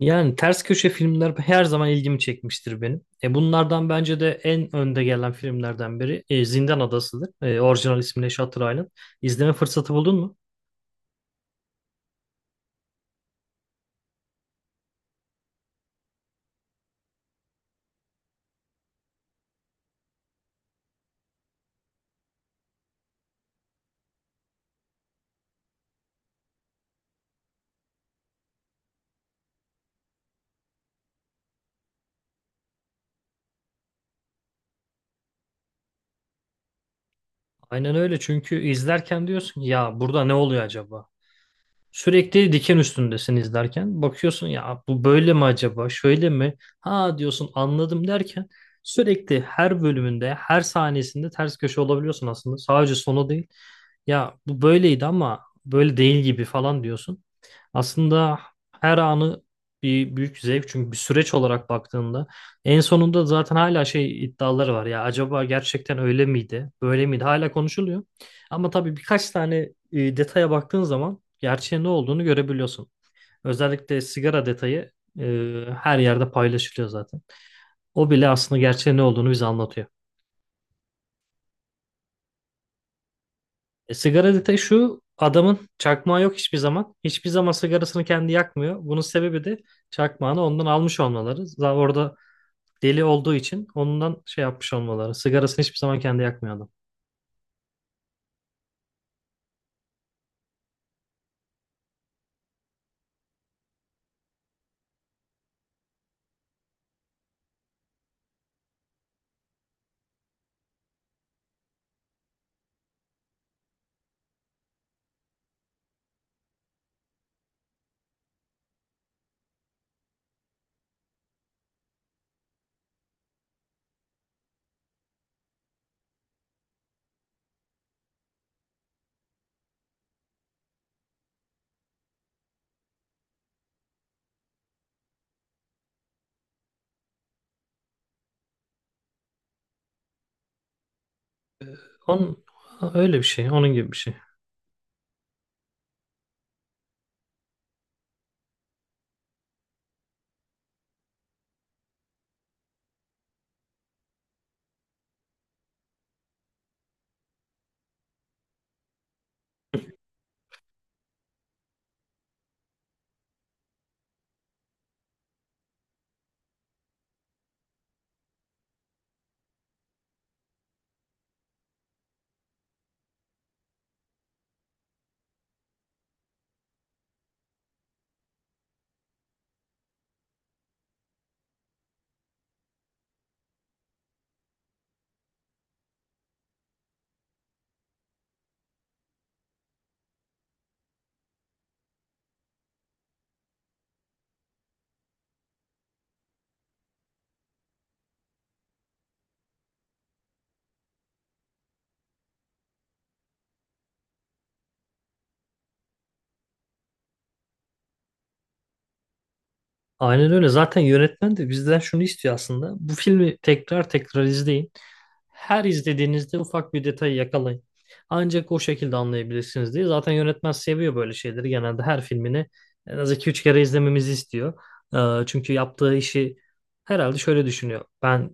Yani ters köşe filmler her zaman ilgimi çekmiştir benim. Bunlardan bence de en önde gelen filmlerden biri Zindan Adası'dır. Orijinal ismiyle Shutter Island. İzleme fırsatı buldun mu? Aynen öyle, çünkü izlerken diyorsun ya, burada ne oluyor acaba? Sürekli diken üstündesin izlerken. Bakıyorsun ya, bu böyle mi acaba? Şöyle mi? Ha diyorsun anladım derken sürekli her bölümünde, her sahnesinde ters köşe olabiliyorsun aslında. Sadece sonu değil. Ya bu böyleydi ama böyle değil gibi falan diyorsun. Aslında her anı bir büyük zevk, çünkü bir süreç olarak baktığında en sonunda zaten hala şey iddiaları var ya, acaba gerçekten öyle miydi böyle miydi, hala konuşuluyor ama tabii birkaç tane detaya baktığın zaman gerçeğin ne olduğunu görebiliyorsun. Özellikle sigara detayı e, her yerde paylaşılıyor zaten. O bile aslında gerçeğin ne olduğunu bize anlatıyor. Sigara detayı şu: adamın çakmağı yok hiçbir zaman. Hiçbir zaman sigarasını kendi yakmıyor. Bunun sebebi de çakmağını ondan almış olmaları. Zaten orada deli olduğu için ondan şey yapmış olmaları. Sigarasını hiçbir zaman kendi yakmıyor adam. Onun, öyle bir şey. Onun gibi bir şey. Aynen öyle. Zaten yönetmen de bizden şunu istiyor aslında: bu filmi tekrar tekrar izleyin. Her izlediğinizde ufak bir detayı yakalayın. Ancak o şekilde anlayabilirsiniz diye. Zaten yönetmen seviyor böyle şeyleri. Genelde her filmini en az iki üç kere izlememizi istiyor. Çünkü yaptığı işi herhalde şöyle düşünüyor: ben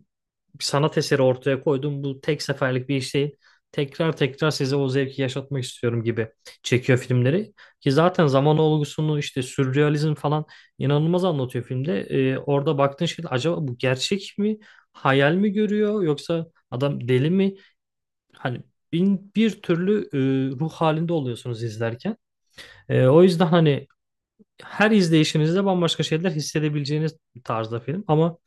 bir sanat eseri ortaya koydum. Bu tek seferlik bir iş değil. Tekrar tekrar size o zevki yaşatmak istiyorum gibi çekiyor filmleri. Ki zaten zaman olgusunu, işte sürrealizm falan, inanılmaz anlatıyor filmde. Orada baktığın şey, acaba bu gerçek mi? Hayal mi görüyor, yoksa adam deli mi? Hani bin bir türlü ruh halinde oluyorsunuz izlerken. O yüzden hani her izleyişinizde bambaşka şeyler hissedebileceğiniz bir tarzda film. Ama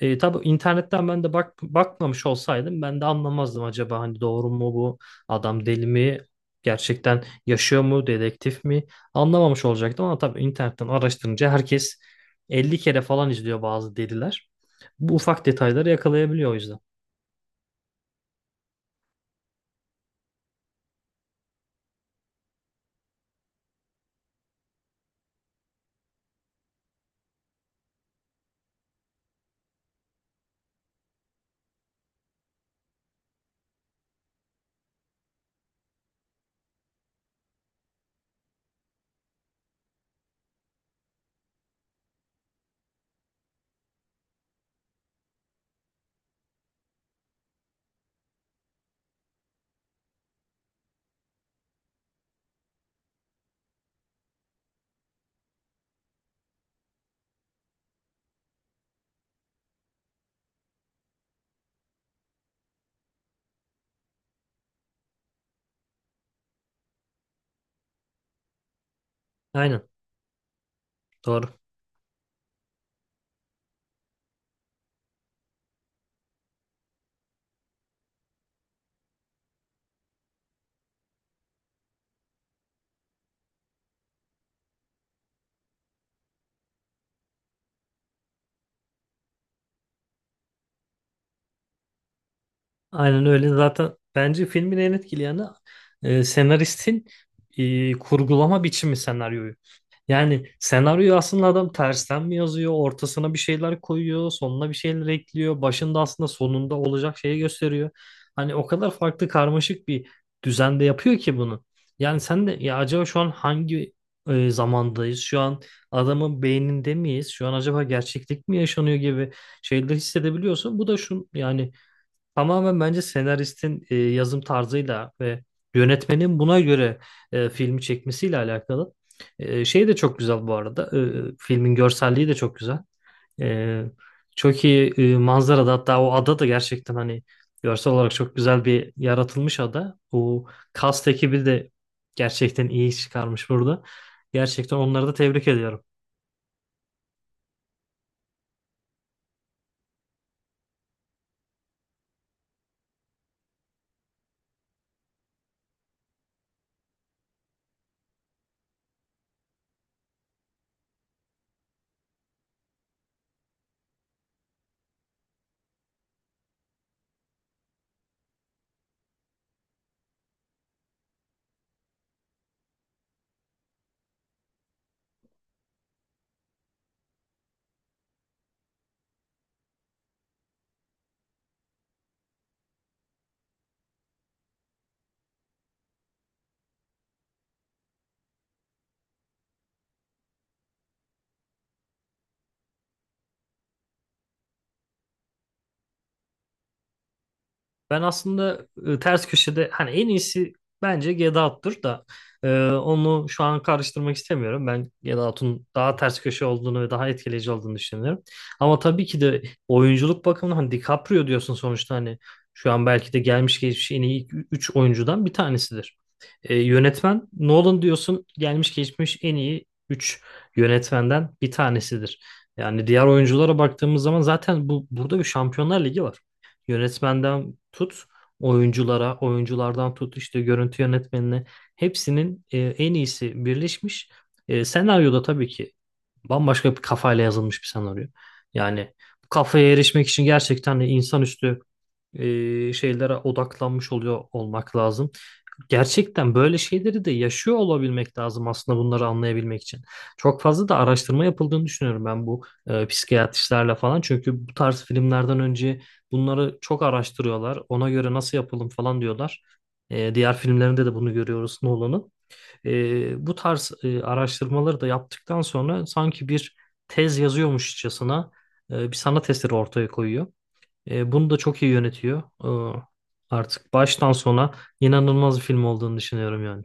tabii internetten ben de bak, bakmamış olsaydım ben de anlamazdım, acaba hani doğru mu bu, adam deli mi, gerçekten yaşıyor mu, dedektif mi, anlamamış olacaktım ama tabii internetten araştırınca herkes 50 kere falan izliyor bazı deliler. Bu ufak detayları yakalayabiliyor o yüzden. Aynen doğru. Aynen öyle. Zaten bence filmin en etkili yanı senaristin kurgulama biçimi senaryoyu. Yani senaryoyu aslında adam tersten mi yazıyor, ortasına bir şeyler koyuyor, sonuna bir şeyler ekliyor, başında aslında sonunda olacak şeyi gösteriyor. Hani o kadar farklı, karmaşık bir düzende yapıyor ki bunu. Yani sen de ya acaba şu an hangi zamandayız? Şu an adamın beyninde miyiz? Şu an acaba gerçeklik mi yaşanıyor gibi şeyleri hissedebiliyorsun. Bu da şu yani, tamamen bence senaristin yazım tarzıyla ve yönetmenin buna göre filmi çekmesiyle alakalı. Şey de çok güzel bu arada. Filmin görselliği de çok güzel. E, Çok iyi manzarada, hatta o ada da gerçekten hani görsel olarak çok güzel bir yaratılmış ada. Bu cast ekibi de gerçekten iyi iş çıkarmış burada. Gerçekten onları da tebrik ediyorum. Ben aslında ters köşede hani en iyisi bence Get Out'tur da onu şu an karıştırmak istemiyorum. Ben Get Out'un daha ters köşe olduğunu ve daha etkileyici olduğunu düşünüyorum. Ama tabii ki de oyunculuk bakımından hani DiCaprio diyorsun sonuçta, hani şu an belki de gelmiş geçmiş en iyi 3 oyuncudan bir tanesidir. Yönetmen Nolan diyorsun, gelmiş geçmiş en iyi 3 yönetmenden bir tanesidir. Yani diğer oyunculara baktığımız zaman zaten burada bir Şampiyonlar Ligi var. Yönetmenden tut oyunculara, oyunculardan tut işte görüntü yönetmenine, hepsinin en iyisi birleşmiş. Senaryoda tabii ki bambaşka bir kafayla yazılmış bir senaryo. Yani bu kafaya erişmek için gerçekten de insanüstü şeylere odaklanmış oluyor olmak lazım. Gerçekten böyle şeyleri de yaşıyor olabilmek lazım aslında bunları anlayabilmek için. Çok fazla da araştırma yapıldığını düşünüyorum ben, bu psikiyatristlerle falan. Çünkü bu tarz filmlerden önce bunları çok araştırıyorlar. Ona göre nasıl yapalım falan diyorlar. Diğer filmlerinde de bunu görüyoruz Nolan'ın. Bu tarz araştırmaları da yaptıktan sonra sanki bir tez yazıyormuşçasına bir sanat eseri ortaya koyuyor. Bunu da çok iyi yönetiyor. Artık baştan sona inanılmaz bir film olduğunu düşünüyorum yani.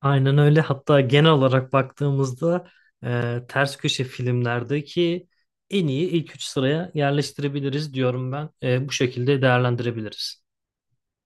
Aynen öyle. Hatta genel olarak baktığımızda ters köşe filmlerdeki en iyi ilk üç sıraya yerleştirebiliriz diyorum ben. Bu şekilde değerlendirebiliriz.